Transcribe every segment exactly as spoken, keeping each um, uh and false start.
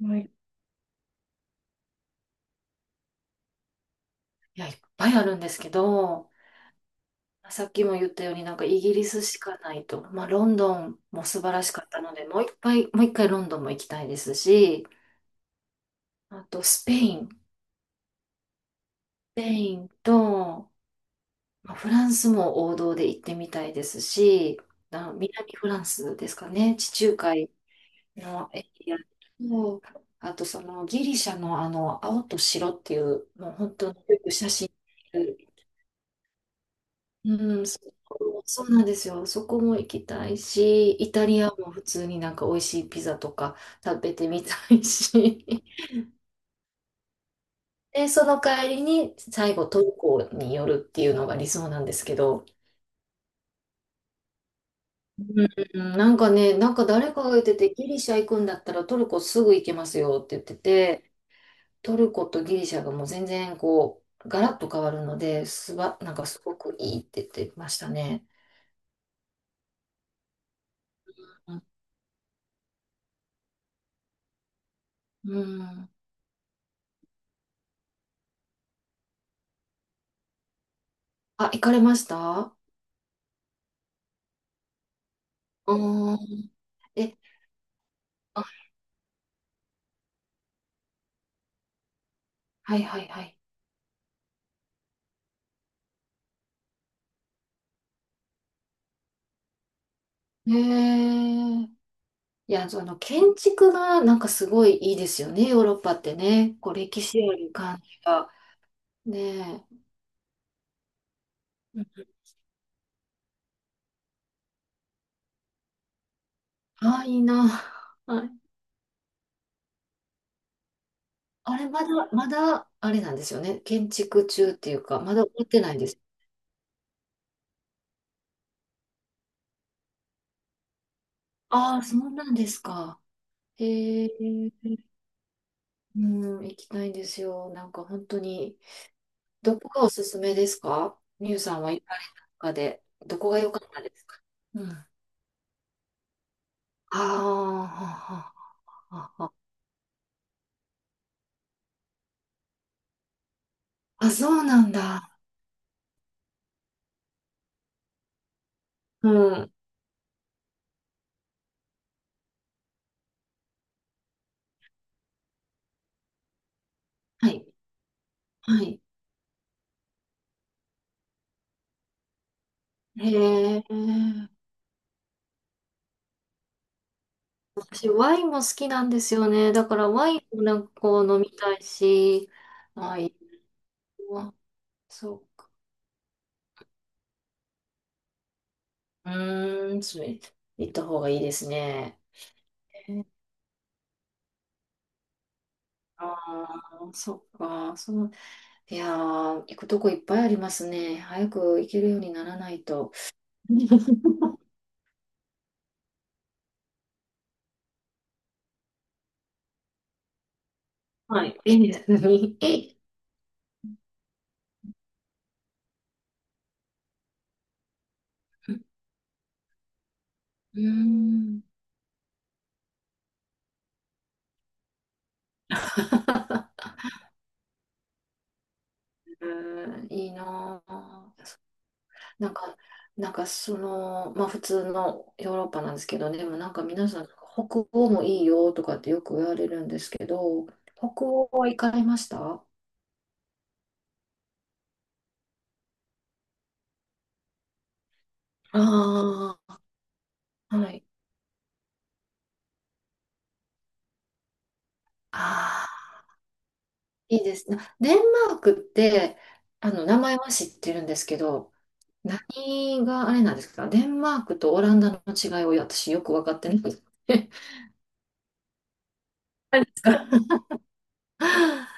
はい。いや、いっぱいあるんですけど、さっきも言ったようになんかイギリスしかないと、まあ、ロンドンも素晴らしかったので、もう一回、もう一回ロンドンも行きたいですし、あとスペイン、スペインと、まあ、フランスも王道で行ってみたいですし、あ、南フランスですかね、地中海のエリアと、あとそのギリシャのあの青と白っていう、もう本当によく写真うん、そこ、そうなんですよ。そこも行きたいし、イタリアも普通になんか美味しいピザとか食べてみたいし。で、その帰りに最後トルコに寄るっていうのが理想なんですけど、うん、なんかね、なんか誰かが言ってて、ギリシャ行くんだったらトルコすぐ行けますよって言ってて、トルコとギリシャがもう全然こう、ガラッと変わるので、すば、なんかすごくいいって言ってましたね。うん。あ、行かれました？ああー。え、あ、はいはいはい。へえ。いや、その建築がなんかすごいいいですよね、ヨーロッパってね。こう歴史ある感じが。ねえ。うん、あ、いいな。はい。あれ、まだ、まだ、あれなんですよね。建築中っていうか、まだ終わってないんです。ああ、そうなんですか。へえ。うん、行きたいんですよ。なんか本当に。どこがおすすめですか？ミュウさんは行かれた中で、どこが良かったですか？うん。ああ、ああ、ああ、あそうなんだ。うん。はい。はい。へえ。私、ワインも好きなんですよね。だから、ワインもなんかこう飲みたいし、あ、いいわ、そうか。うーん、それ、行った方がいいですね。ああ、そっか。その、いやー、行くとこいっぱいありますね。早く行けるようにならないと。はい。いいですね。え、うーん。うん、いいなあ、なんか、なんかその、まあ普通のヨーロッパなんですけど、でもなんか皆さん、北欧もいいよとかってよく言われるんですけど、北欧は行かれました？ああー、はい。ああ、いいですね。デンマークって、あの、名前は知ってるんですけど、何があれなんですか？デンマークとオランダの違いを私よく分かってない。何ですか？ マ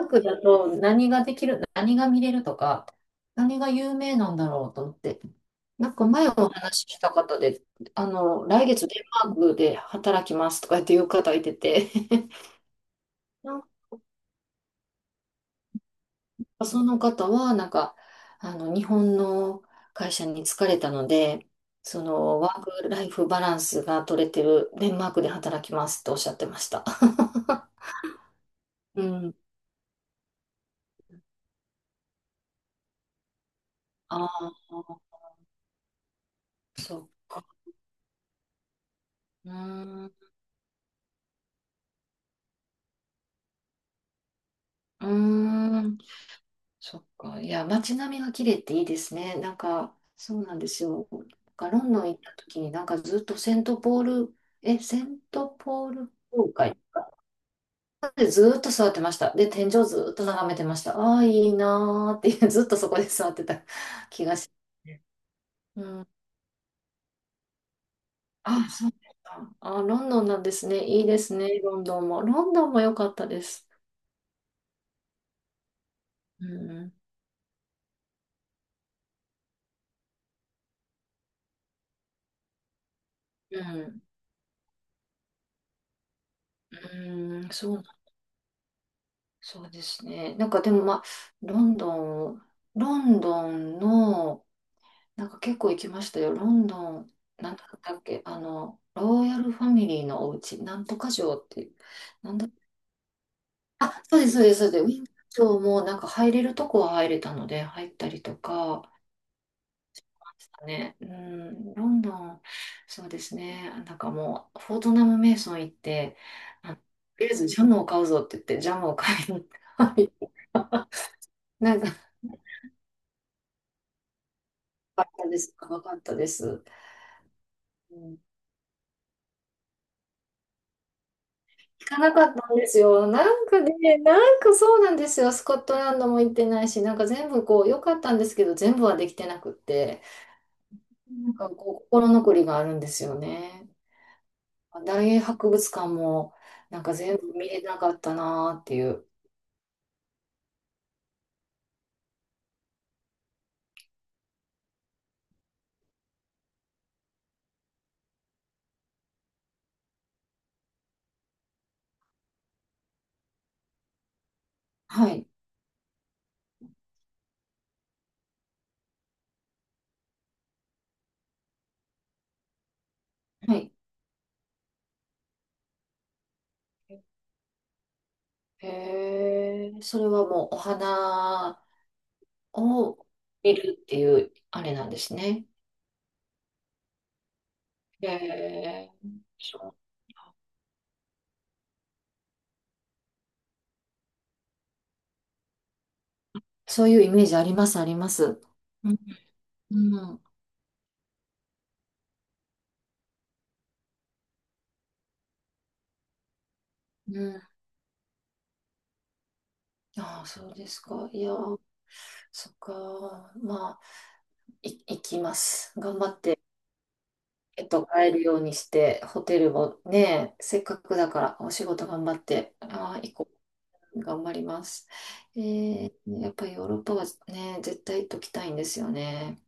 近くだと何ができる、何が見れるとか、何が有名なんだろうと思って、なんか前お話しした方で、あの、来月デンマークで働きますとか言っていう方いてて、なんかその方は、なんか、あの、日本の会社に疲れたので、その、ワークライフバランスが取れてるデンマークで働きますっておっしゃってました。うん。ああ、そっか。うーん。うーん。そっか。いや、街並みが綺麗っていいですね。なんか、そうなんですよ。なんかロンドン行った時に、なんかずっとセントポール、え、セントポール教会でずっと座ってました。で、天井ずっと眺めてました。ああ、いいなーっていう、ずっとそこで座ってた気がします。うん。あ、そうですか。あ、ロンドンなんですね。いいですね、ロンドンも。ロンドンも良かったです。うん。うん。うん。そう、そうですね。なんかでもまあ、ロンドン、ロンドンの、なんか結構行きましたよ。ロンドン、なんだったっけ、あの、ロイヤルファミリーのお家、なんとか城っていう、なんだ、あ、そうです、そうです、そうです。ウィンザー城もなんか入れるとこは入れたので、入ったりとか、ね、うん、ロンドン、そうですね。なんかもう、フォートナム・メイソン行って、あとりあえずジャムを買うぞって言って、ジャムを買いに行 った。なんかかったです。高かったです。うん、行かなかったんですよ。なんかね、なんかそうなんですよ。スコットランドも行ってないし、なんか全部こう、良かったんですけど、全部はできてなくって、なんかこう、心残りがあるんですよね。大英博物館も、なんか全部見れなかったなーっていう。はい。はい。へえ、それはもうお花を見るっていう、あれなんですね。へえ、そう、そういうイメージあります、あります。うん、うん、うん。ああ、そうですか。いや、そっか。まあ、い、行きます。頑張って、えっと、帰るようにして、ホテルもね、せっかくだから、お仕事頑張って、ああ、行こう。頑張ります。えー、やっぱりヨーロッパはね、絶対行っときたいんですよね。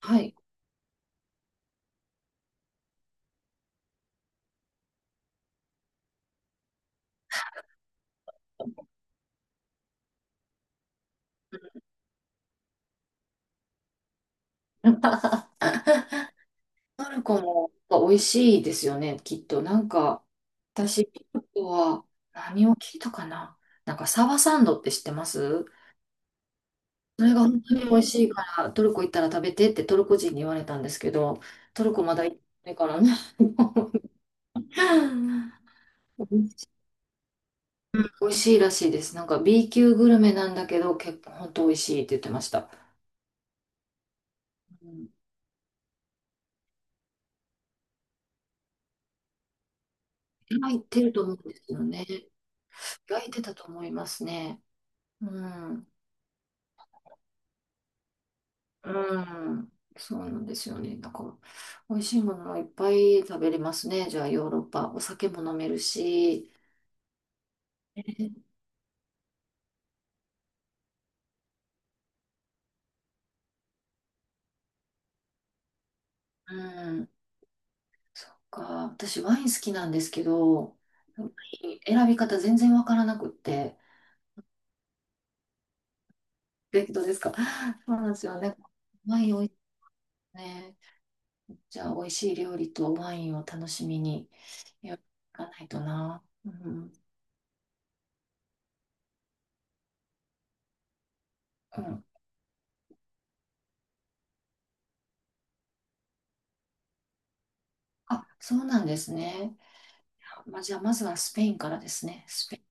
はい。パルコも美味しいですよね、きっと。なんか、私、パルコは何を聞いたかな、なんか、サバサンドって知ってます？それが本当に美味しいから、トルコ行ったら食べてってトルコ人に言われたんですけど、トルコまだ行ってないからね。美味しいらしいです。なんか ビーきゅうグルメなんだけど、結構本当美味しいって言ってました。うん、入ってると思うんですよね。入ってたと思いますね。うん。うん、そうなんですよね。だから、美味しいものもいっぱい食べれますね。じゃあ、ヨーロッパ。お酒も飲めるし。え、うん、そっか。私、ワイン好きなんですけど、ワイン選び方全然わからなくって。え、どうですか？そうなんですよね。ワインおいしいね。じゃあ、美味しい料理とワインを楽しみに、やっていかないとな。うん、うん。あ、そうなんですね。まあ、じゃあ、まずはスペインからですね。スペイン。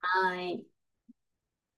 はい。